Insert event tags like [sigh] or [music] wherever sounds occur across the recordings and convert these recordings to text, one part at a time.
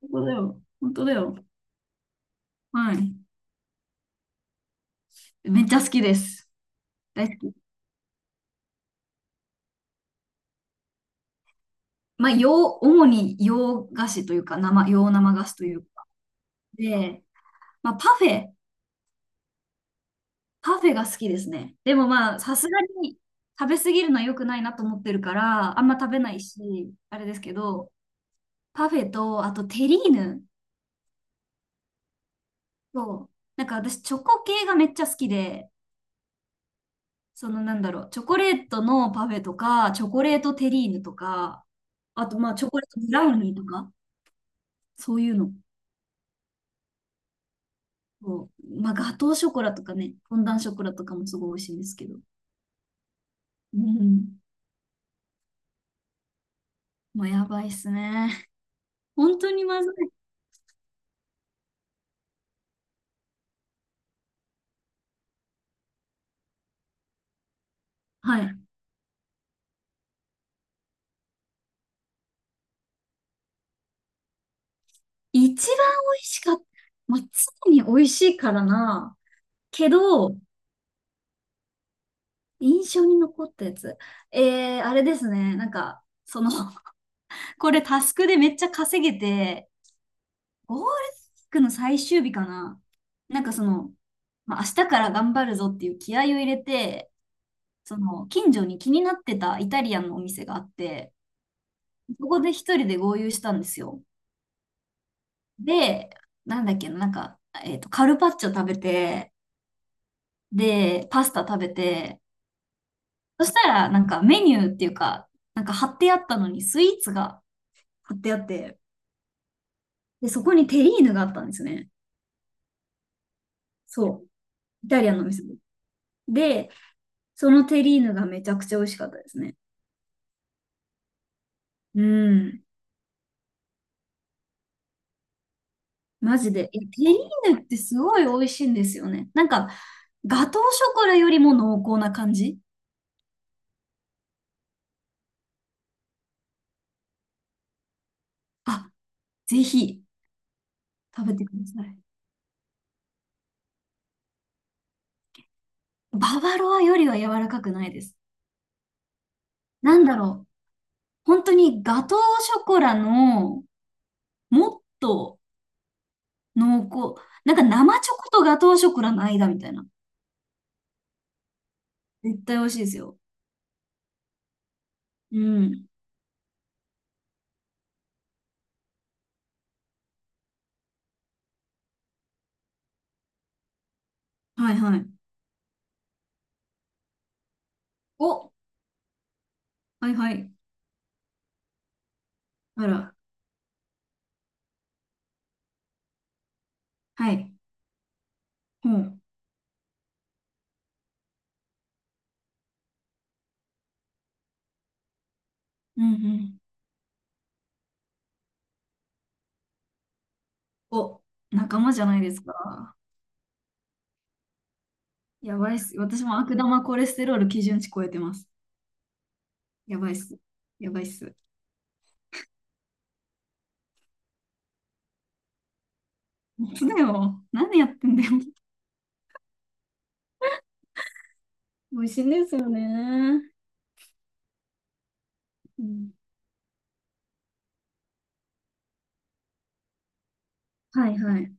本当だよ。本当だよ。はい。めっちゃ好きです。大好き。まあ、主に洋菓子というか、洋生菓子というか。で、まあ、パフェが好きですね。でもまあ、さすがに食べ過ぎるのは良くないなと思ってるから、あんま食べないし、あれですけど、パフェと、あとテリーヌと、なんか私、チョコ系がめっちゃ好きで、そのなんだろう、チョコレートのパフェとか、チョコレートテリーヌとか、あとまあ、チョコレートブラウニーとか、そういうの。こう、まあ、ガトーショコラとかね、フォンダンショコラとかもすごい美味しいんですけど。うん。もうやばいっすね。本当にまずい。はい。一番美味しかった。まあ、常に美味しいからな。けど、印象に残ったやつ。えー、あれですね。なんか、その [laughs] これタスクでめっちゃ稼げて、ゴールデンウィークの最終日かな。なんかその、まあ、明日から頑張るぞっていう気合を入れて、その近所に気になってたイタリアンのお店があって、そこで一人で合流したんですよ。で、なんだっけな、なんか、カルパッチョ食べて、で、パスタ食べて、そしたら、なんかメニューっていうか、なんか貼ってあったのにスイーツが貼ってあって、で、そこにテリーヌがあったんですね。そう。イタリアンのお店で。で、そのテリーヌがめちゃくちゃ美味しかったですね。うん。マジで。いや、テリーヌってすごい美味しいんですよね。なんか、ガトーショコラよりも濃厚な感じ。あ、ぜひ食べてください。ババロアよりは柔らかくないです。なんだろう。本当にガトーショコラのもっと濃厚。なんか生チョコとガトーショコラの間みたいな。絶対美味しいですよ。うん。はいはい。お、はいはい。あら。はい。ほう。うんうん。お、仲間じゃないですか。やばいっす。私も悪玉コレステロール基準値超えてます。やばいっす。やばいっす。本当だよ。何やってんだよ。美味しいんですよね。うん、はいはい。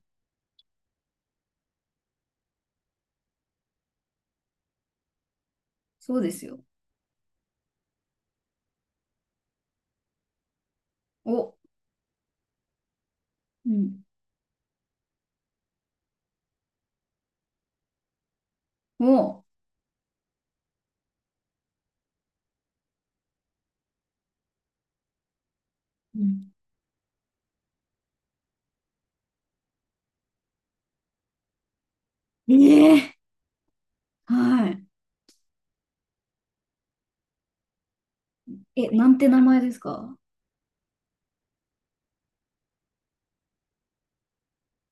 そうですよ。お、うん。お、うん、ええはい。え、なんて名前ですか？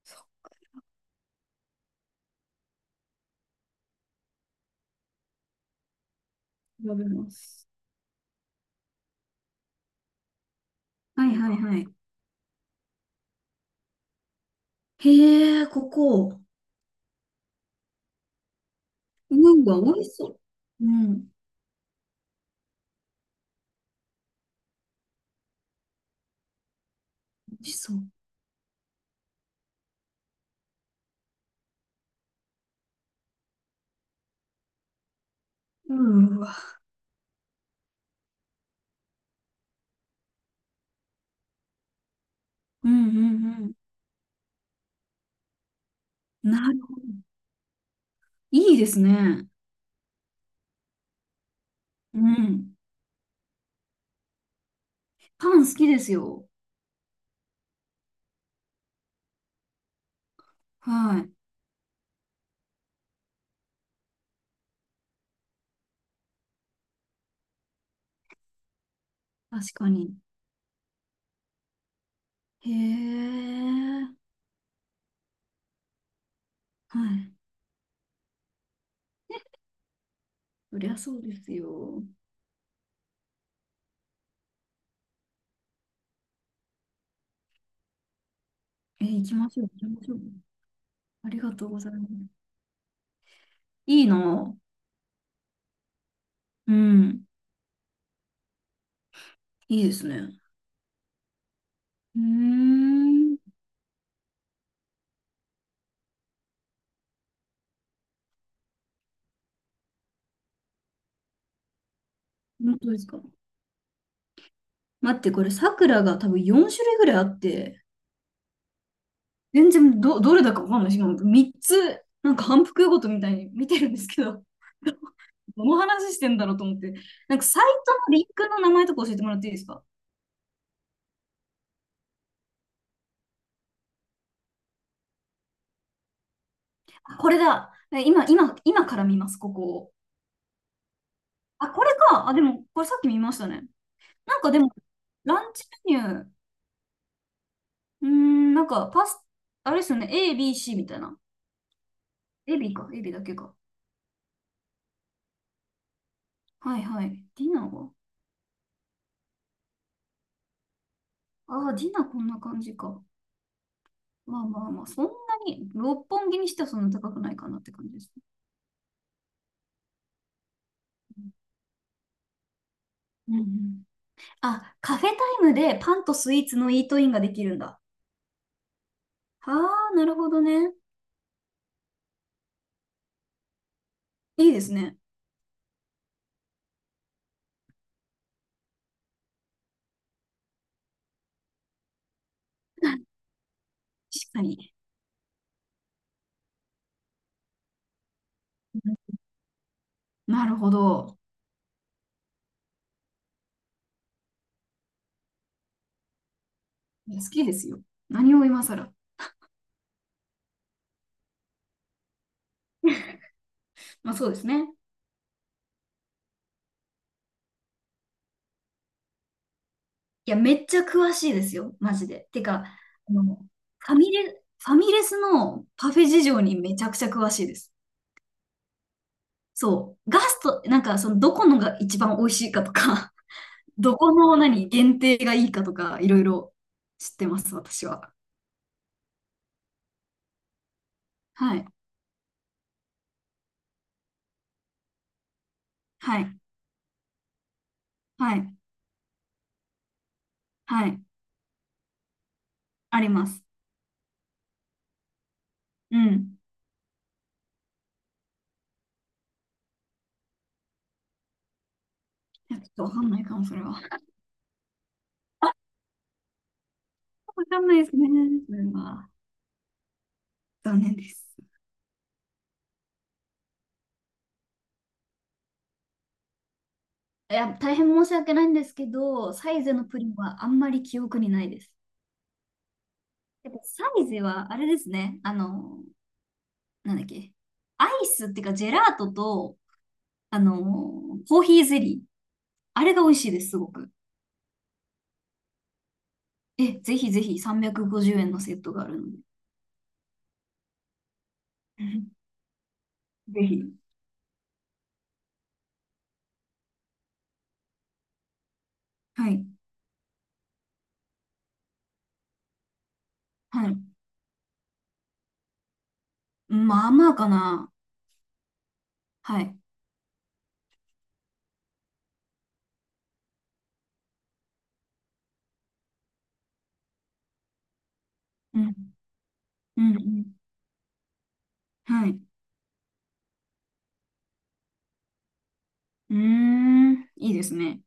そう、調べます。はいはいはい。へえ、ここ。うわ、美味しそう。うん、美味しそう。うーわ。うんうんうん。なるほど。いいですね。うん。パン好きですよ。はい。確かに。へえ。はい。そりゃそうですよ。え、行きましょう、行きましょう。ありがとうございます。いいな。うん。いいですね。うーん。本当ですか？待って、これ、さくらが多分4種類ぐらいあって、全然どれだかわかんないし、今3つ、なんか反復ごとみたいに見てるんですけど、[laughs] どの話してんだろうと思って、なんかサイトのリンクの名前とか教えてもらっていいですか？あこれだ。え今、今から見ます、ここを。あ、これか。あ、でも、これさっき見ましたね。なんかでも、ランチメニュー、うーん、なんか、パス、あれですよね、A、B、C みたいな。A、B か、A、B だけか。はいはい。ディナーは？ああー、ディナーこんな感じか。まあまあまあ、そんなに、六本木にしてはそんな高くないかなって感じですね。うんうん。あ、カフェタイムでパンとスイーツのイートインができるんだ。ああ、なるほどね。いいですね。確かに。うんなるほど。好きですよ。何を今更。[laughs] まあそうですね。いや、めっちゃ詳しいですよ、マジで。てか、あの、ファミレスのパフェ事情にめちゃくちゃ詳しいです。そう。ガスト、なんか、その、どこのが一番美味しいかとか、[laughs] どこの何、限定がいいかとか、いろいろ知ってます、私は。はい。はい。はい。はい。あります。うん。いや、ちょっとわかんないかも、それは。わかんないですね。それは。残念です。いや、大変申し訳ないんですけど、サイゼのプリンはあんまり記憶にないです。やっぱサイゼはあれですね、あの、なんだっけ、アイスっていうかジェラートと、あの、コーヒーゼリー、あれが美味しいです、すごく。え、ぜひぜひ350円のセットがあるので。[laughs] うんぜひ。はい。はい。まあまあかな。はい。うん。うん。うんはい。うーん。いいですね。